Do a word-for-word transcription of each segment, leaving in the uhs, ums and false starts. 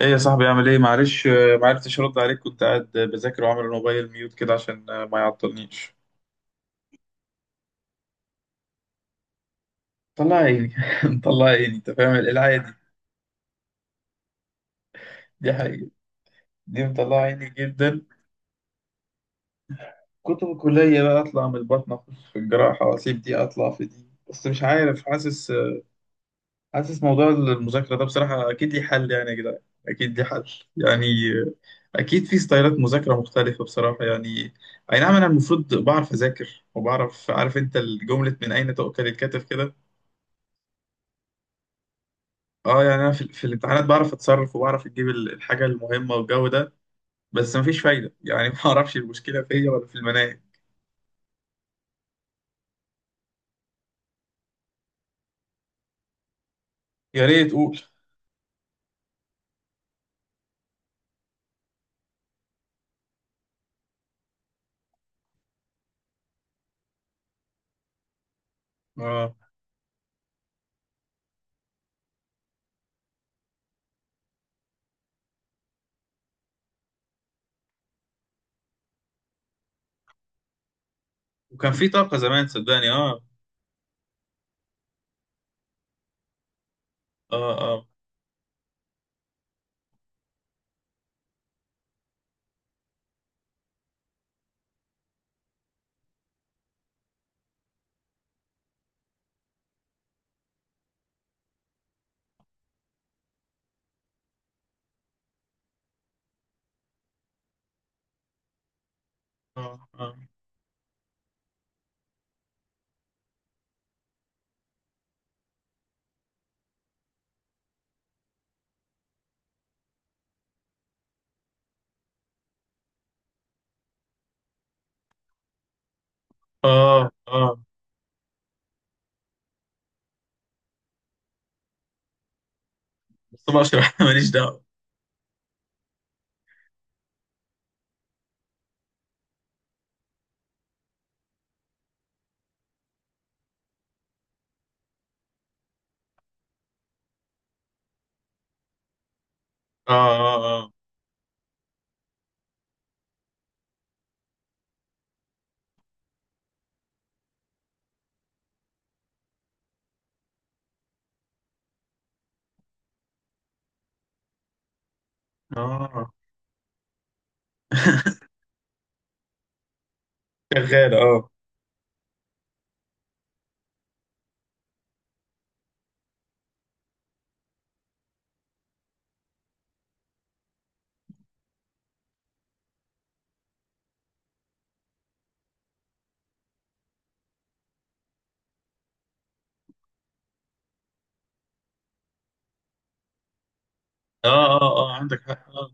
ايه يا صاحبي؟ اعمل ايه؟ معلش آه، ما عرفتش ارد عليك، كنت قاعد آه، بذاكر وعامل الموبايل ميوت كده عشان آه، ما يعطلنيش. مطلع عيني مطلع عيني، انت فاهم العادي. دي حقيقة، دي مطلع عيني جدا. كنت في الكلية بقى اطلع من البطن اخش في الجراحة واسيب دي اطلع في دي، بس مش عارف، حاسس آه، حاسس موضوع المذاكرة ده بصراحة اكيد ليه حل يعني يا جدعان. اكيد ليه حل. يعني آه، اكيد في ستايلات مذاكرة مختلفة بصراحة يعني. اي نعم، انا المفروض بعرف اذاكر وبعرف، عارف انت الجملة، من اين تؤكل الكتف كده. اه يعني انا في, في الامتحانات بعرف اتصرف وبعرف اجيب ال- الحاجه المهمه والجو ده. بس مفيش فايده يعني. ما اعرفش المشكله فيا ولا في المناهج. يا ريت قول. اه وكان في طاقه زمان، صدقني اه. اه. اه. اه. اه. اه. اه بس بشرح ماليش دعوه. اه. اه. اه. اه. شغال اه. اه. اه. اه عندك حق اه.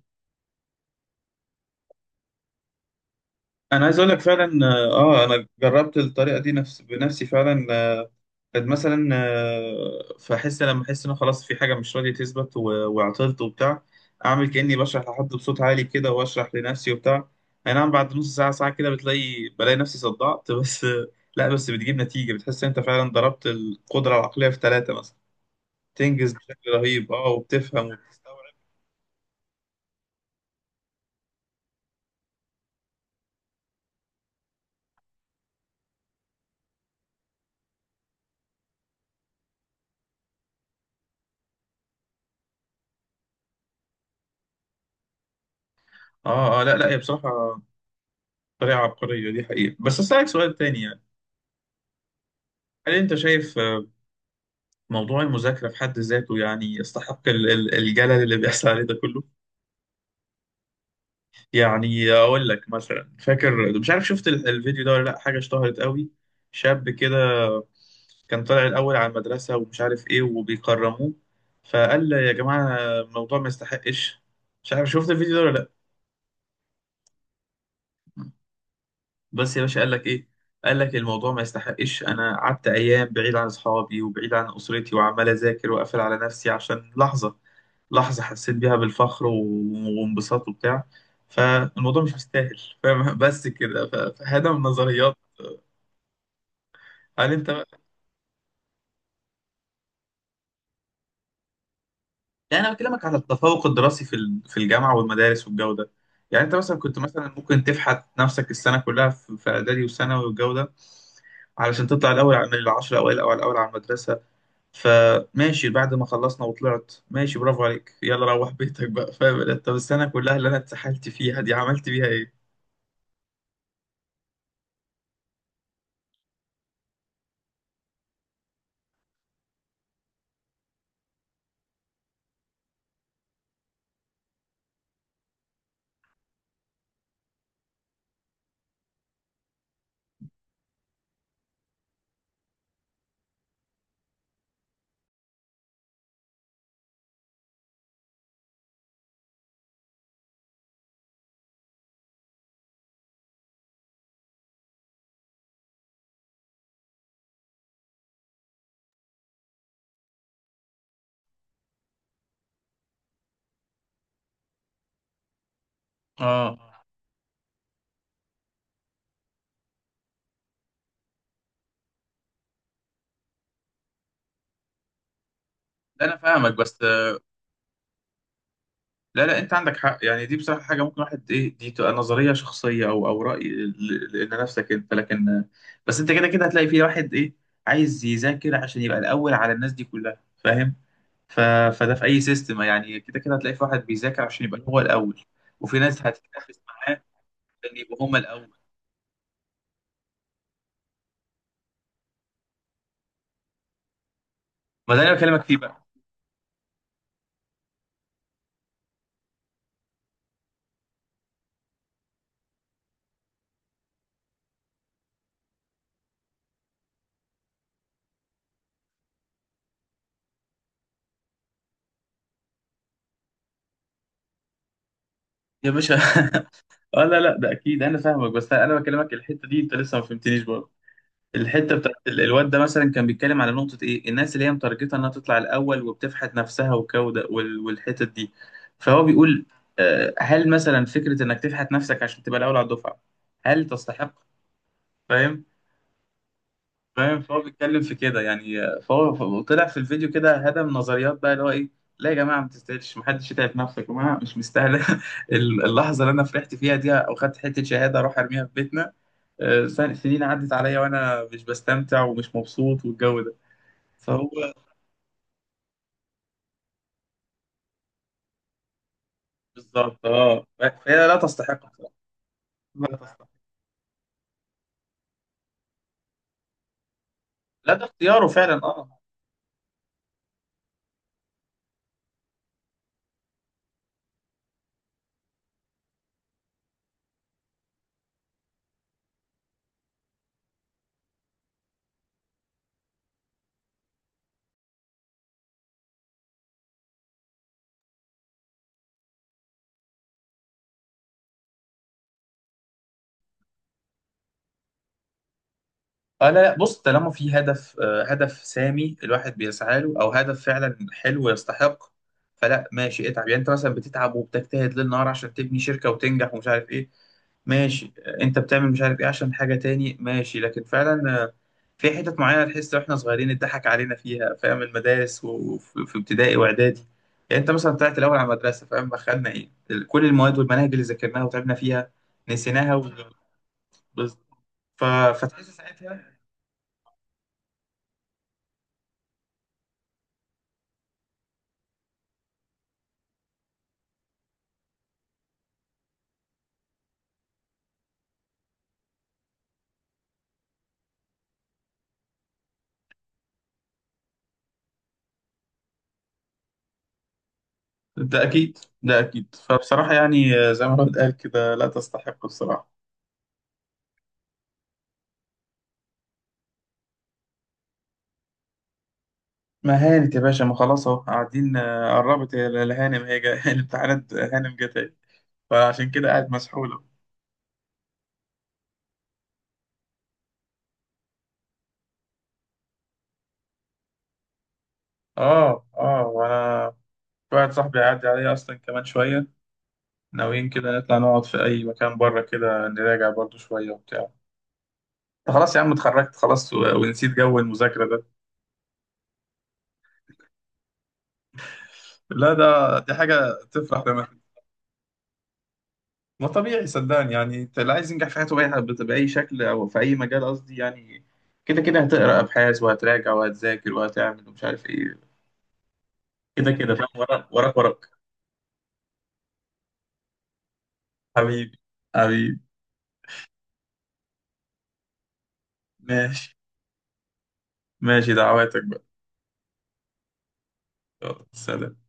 انا عايز اقول لك فعلا اه. آه، انا جربت الطريقه دي نفس بنفسي فعلا. آه، كانت مثلا آه، فاحس، لما احس ان أنا خلاص في حاجه مش راضيه تثبت و- وعطلت وبتاع، اعمل كاني بشرح لحد بصوت عالي كده واشرح لنفسي وبتاع. اي نعم بعد نص ساعه ساعه كده بتلاقي بلاقي نفسي صدعت بس لا، بس بتجيب نتيجه، بتحس إن انت فعلا ضربت القدره العقليه في ثلاثه مثلا. تنجز بشكل رهيب اه، وبتفهم وبتستوعب. اه اه لا لا، هي بصراحه طريقه عبقريه دي حقيقه. بس اسالك سؤال تاني يعني، هل انت شايف آه، موضوع المذاكره في حد ذاته يعني يستحق ال- ال- الجلل اللي بيحصل عليه ده كله؟ يعني اقول لك مثلا، فاكر، مش عارف شفت ال- الفيديو ده ولا لا، حاجه اشتهرت قوي، شاب كده كان طالع الاول على المدرسه ومش عارف ايه وبيكرموه، فقال يا جماعه الموضوع ما يستحقش. مش عارف شفت الفيديو ده ولا لا؟ بس يا باشا قال لك ايه، قال لك الموضوع ما يستحقش، انا قعدت ايام بعيد عن اصحابي وبعيد عن اسرتي وعمال اذاكر واقفل على نفسي عشان لحظه، لحظه حسيت بيها بالفخر و- وانبساط وبتاع، فالموضوع مش مستاهل، فاهم؟ بس كده ف- فهذا من النظريات. هل انت بقى، يعني انا بكلمك على التفوق الدراسي في ال- في الجامعه والمدارس والجو ده. يعني انت مثلا كنت مثلا ممكن تفحت نفسك السنه كلها في في اعدادي وثانوي والجو ده علشان تطلع الاول من العشر اوائل او الاول على المدرسه. فماشي، بعد ما خلصنا وطلعت ماشي، برافو عليك، يلا روح بيتك بقى، فاهم انت؟ طب السنه كلها اللي انا اتسحلت فيها دي عملت بيها ايه؟ اه لا انا فاهمك بس، لا لا، انت عندك حق يعني، دي بصراحه حاجه ممكن واحد ايه دي تبقى نظريه شخصيه او او راي، ل- لان نفسك انت، لكن. بس انت كده كده هتلاقي في واحد ايه عايز يذاكر عشان يبقى الاول على الناس دي كلها، فاهم؟ ف... فده في اي سيستم يعني، كده كده هتلاقي في واحد بيذاكر عشان يبقى هو الاول، وفي ناس هتتنافس معاه ان يبقوا هم الاول. ما ده اللي انا بكلمك فيه بقى. يا باشا اه لا لا ده اكيد انا فاهمك، بس انا بكلمك الحته دي انت لسه ما فهمتنيش برضه. الحته بتاعت ال- الواد ده مثلا، كان بيتكلم على نقطه ايه، الناس اللي هي متارجته انها تطلع الاول وبتفحت نفسها وكوده وال- والحتت دي. فهو بيقول آه، هل مثلا فكره انك تفحت نفسك عشان تبقى الاول على الدفعه هل تستحق؟ فاهم؟ فاهم. فهو بيتكلم في كده يعني، فهو فهو طلع في الفيديو كده هدم نظريات بقى، اللي هو ايه، لا يا جماعه ما تستاهلش، ما حدش يتعب نفسه يا جماعه، مش مستاهله. ال- اللحظه اللي انا فرحت فيها دي او خدت حته شهاده اروح ارميها في بيتنا، آه، سن- سنين عدت عليا وانا مش بستمتع ومش مبسوط والجو ده. فهو بالظبط اه، فهي لا تستحق بصراحة. لا تستحق. لا ده اختياره فعلا اه. آه لا لا، بص، طالما في هدف، آه هدف سامي الواحد بيسعى له او هدف فعلا حلو يستحق، فلا ماشي اتعب، يعني انت مثلا بتتعب وبتجتهد ليل نهار عشان تبني شركه وتنجح ومش عارف ايه، ماشي. آه انت بتعمل مش عارف ايه عشان حاجه تاني ماشي، لكن فعلا آه في حتت معينه تحس، واحنا صغيرين اتضحك علينا فيها، فاهم؟ المدارس و- وفي في ابتدائي واعدادي، يعني انت مثلا طلعت الاول على المدرسه فاهم، دخلنا ايه ال- كل المواد والمناهج اللي ذاكرناها وتعبنا فيها، نسيناها و... بز- ف... فتحس ساعتها. ده أكيد، ده أكيد، فبصراحة يعني آه، زي ما الواحد قال كده، لا تستحق الصراحة. ما هانت يا باشا، ما خلاص أهو قاعدين آه، قربت ال- الهانم هي جا... الامتحانات هانم جت أهي، فعشان كده قاعد مسحولة. آه آه، وأنا في واحد صاحبي هيعدي عليا أصلا كمان شوية، ناويين كده نطلع نقعد في أي مكان بره كده نراجع برضو شوية وبتاع. أنت خلاص يا عم، اتخرجت خلاص و... ونسيت جو المذاكرة ده. لا ده دي حاجة تفرح، ما طبيعي صدقني يعني، انت اللي عايز ينجح في حياته بأي، بأي شكل أو في أي مجال قصدي يعني، كده كده هتقرأ أبحاث وهتراجع وهتذاكر وهتعمل ومش عارف إيه، كده كده فاهم، وراك وراك وراك. حبيبي، حبيبي. ماشي، ماشي دعواتك بقى. يلا سلام.